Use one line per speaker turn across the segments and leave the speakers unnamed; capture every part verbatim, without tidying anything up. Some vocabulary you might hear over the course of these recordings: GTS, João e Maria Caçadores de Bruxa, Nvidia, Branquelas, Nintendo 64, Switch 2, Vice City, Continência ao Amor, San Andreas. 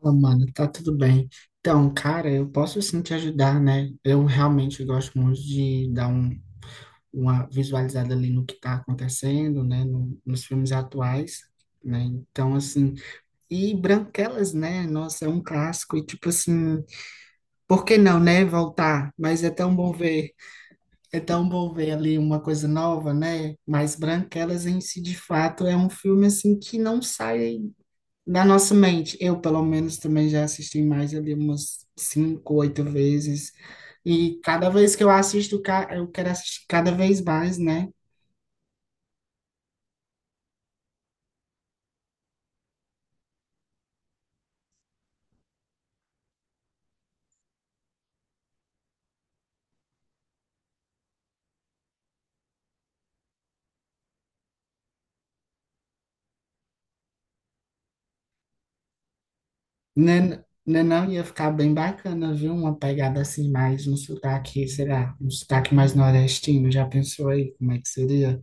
Fala, mano, tá tudo bem. Então, cara, eu posso sim te ajudar, né? Eu realmente gosto muito de dar um, uma visualizada ali no que tá acontecendo, né? No- nos filmes atuais, né? Então, assim, e Branquelas, né? Nossa, é um clássico e tipo assim, por que não, né? Voltar, mas é tão bom ver, é tão bom ver ali uma coisa nova, né? Mas Branquelas em si, de fato, é um filme assim que não sai na nossa mente, eu pelo menos também já assisti mais ali umas cinco, oito vezes. E cada vez que eu assisto, ca- eu quero assistir cada vez mais, né? Né, né não ia ficar bem bacana, viu? Uma pegada assim mais um sotaque, sei lá, um sotaque mais nordestino. Já pensou aí como é que seria?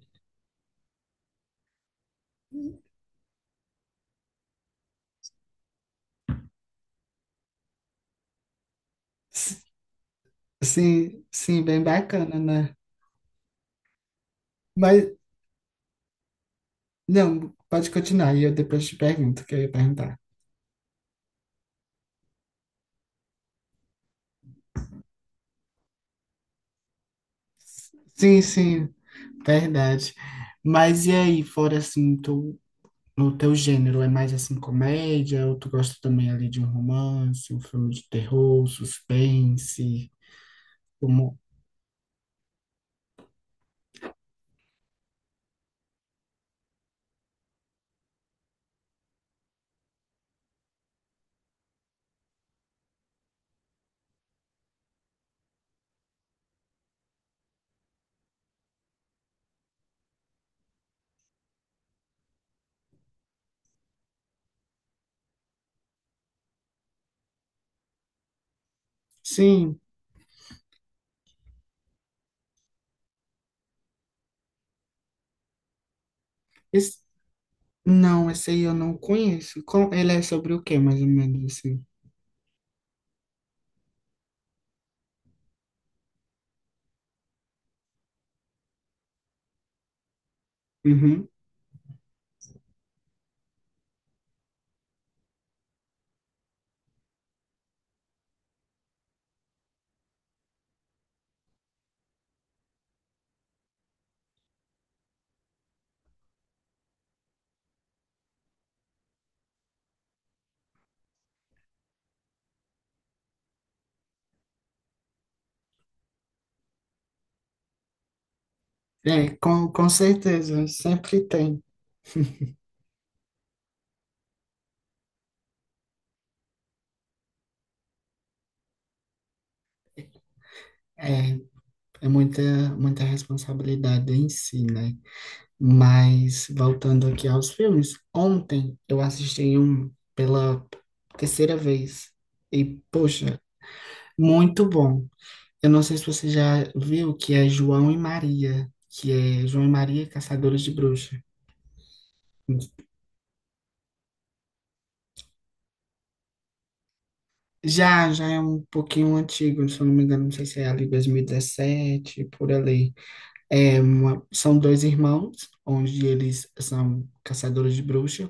S- Sim, sim, bem bacana, né? Mas não, pode continuar, e eu depois te pergunto o que eu ia perguntar. Sim, sim. Verdade. Mas e aí, fora assim, tu, no teu gênero, é mais assim comédia, ou tu gosta também ali de um romance, um filme de terror, suspense, como... Sim, esse... não, esse aí eu não conheço. Com... Ele é sobre o quê, mais ou menos assim? Uhum. É, com, com certeza, sempre tem. É, é muita, muita responsabilidade em si, né? Mas voltando aqui aos filmes, ontem eu assisti um pela terceira vez e poxa, muito bom. Eu não sei se você já viu que é João e Maria, que é João e Maria Caçadores de Bruxa. Já, já é um pouquinho antigo, se eu não me engano, não sei se é ali dois mil e dezessete, por ali. É uma- são dois irmãos, onde eles são caçadores de bruxas.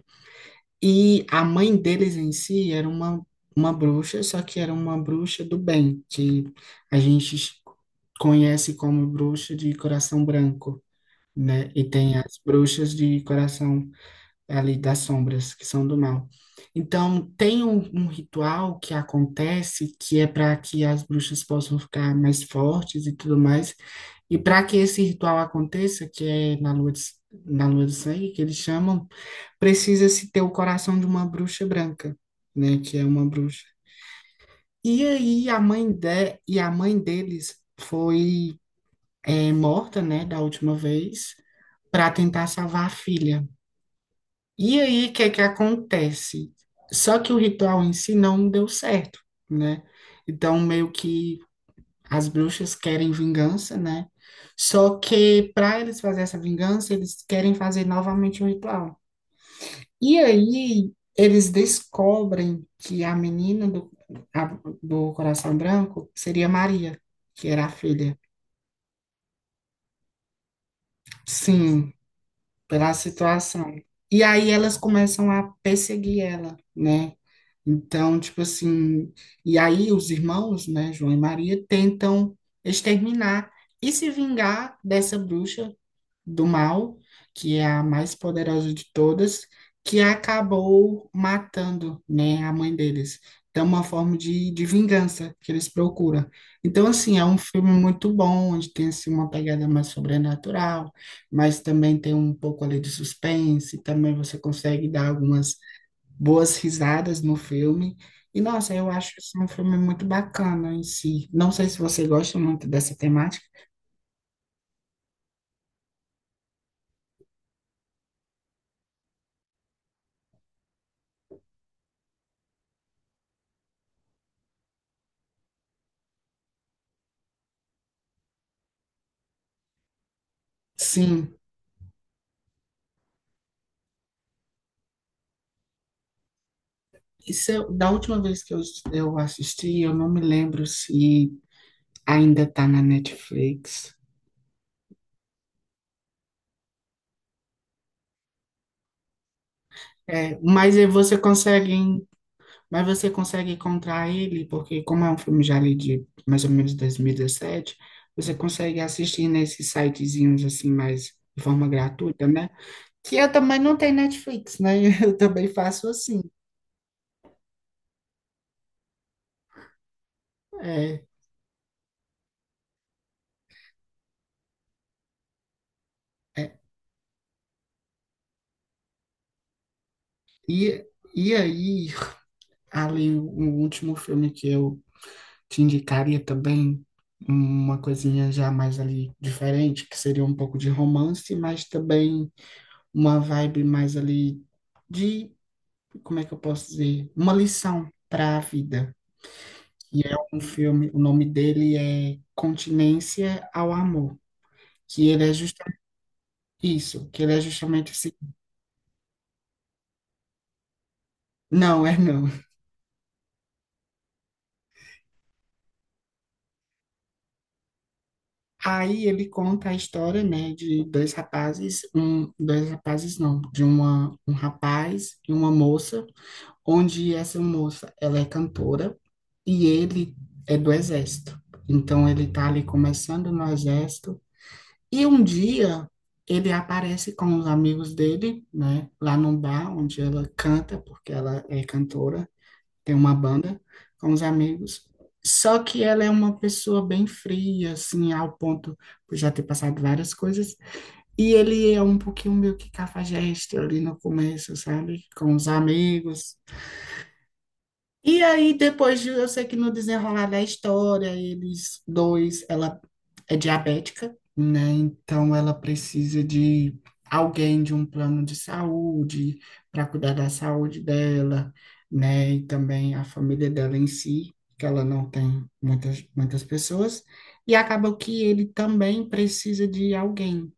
E a mãe deles em si era uma, uma bruxa, só que era uma bruxa do bem, que a gente conhece como bruxa de coração branco, né? E tem as bruxas de coração ali das sombras, que são do mal. Então, tem um, um ritual que acontece que é para que as bruxas possam ficar mais fortes e tudo mais. E para que esse ritual aconteça, que é na lua de, na lua de sangue, que eles chamam, precisa-se ter o coração de uma bruxa branca, né? Que é uma bruxa. E aí a mãe de, e a mãe deles foi, é, morta, né? Da última vez, para tentar salvar a filha. E aí o que que acontece? Só que o ritual em si não deu certo, né? Então meio que as bruxas querem vingança, né? Só que para eles fazer essa vingança, eles querem fazer novamente o ritual. E aí eles descobrem que a menina do, a- do coração branco seria Maria, que era a filha. Sim, pela situação. E aí elas começam a perseguir ela, né? Então, tipo assim, e aí os irmãos, né, João e Maria, tentam exterminar e se vingar dessa bruxa do mal, que é a mais poderosa de todas, que acabou matando, né, a mãe deles. Então, é uma forma de, de vingança que eles procuram. Então, assim, é um filme muito bom, onde tem, assim, uma pegada mais sobrenatural, mas também tem um pouco ali de suspense, também você consegue dar algumas boas risadas no filme. E, nossa, eu acho esse um filme muito bacana em si. Não sei se você gosta muito dessa temática. Sim. Isso eu- da última vez que eu, eu assisti, eu não me lembro se ainda está na Netflix. É, mas aí você consegue, mas você consegue encontrar ele, porque como é um filme já ali de mais ou menos dois mil e dezessete, você consegue assistir nesses sitezinhos assim mais de forma gratuita, né? Que eu também não tenho Netflix, né? Eu também faço assim. É, é. E, e aí, ali, o último filme que eu te indicaria também uma coisinha já mais ali diferente, que seria um pouco de romance, mas também uma vibe mais ali de, como é que eu posso dizer? Uma lição para a vida. E é um filme, o nome dele é Continência ao Amor, que ele é justamente isso, que ele é justamente assim. Não, é não. Aí ele conta a história, né, de dois rapazes, um, dois rapazes não, de uma, um rapaz e uma moça, onde essa moça, ela é cantora e ele é do exército. Então ele tá ali começando no exército e um dia ele aparece com os amigos dele, né, lá num bar onde ela canta, porque ela é cantora, tem uma banda com os amigos. Só que ela é uma pessoa bem fria, assim, ao ponto de já ter passado várias coisas. E ele é um pouquinho meio que cafajeste ali no começo, sabe? Com os amigos, e aí, depois de, eu sei que no desenrolar da história, eles dois, ela é diabética, né? Então ela precisa de alguém, de um plano de saúde para cuidar da saúde dela, né? E também a família dela em si, que ela não tem muitas, muitas pessoas. E acaba que ele também precisa de alguém.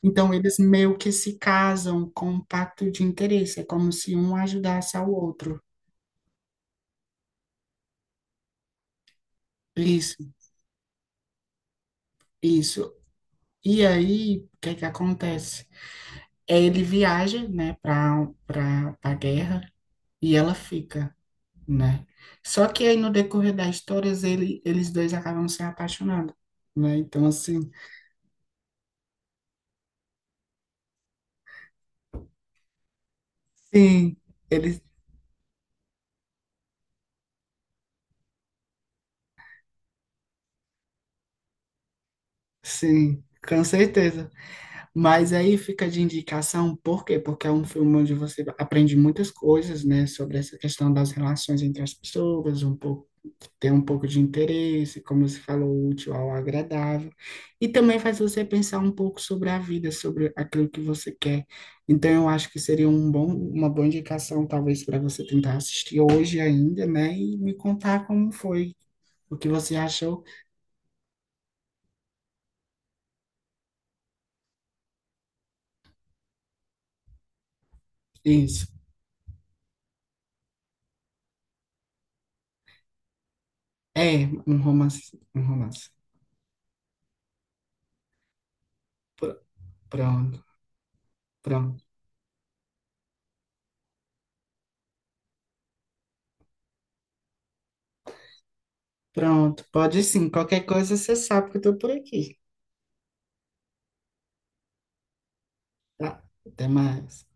Então eles meio que se casam com um pacto de interesse, é como se um ajudasse ao outro. Isso, isso. E aí, o que é que acontece? É, ele viaja, né, para para a guerra e ela fica, né? Só que aí no decorrer das histórias ele, eles dois acabam se apaixonando, né? Então assim, sim, eles sim, com certeza. Mas aí fica de indicação, por quê? Porque é um filme onde você aprende muitas coisas, né, sobre essa questão das relações entre as pessoas, um pouco, ter um pouco de interesse, como você falou, útil ao agradável, e também faz você pensar um pouco sobre a vida, sobre aquilo que você quer. Então, eu acho que seria um bom, uma boa indicação, talvez, para você tentar assistir hoje ainda, né, e me contar como foi, o que você achou. Isso. É, um romance, um romance. Pr- Pronto, pronto. Pronto, pode sim. Qualquer coisa você sabe que eu estou por aqui. Tá? Até mais.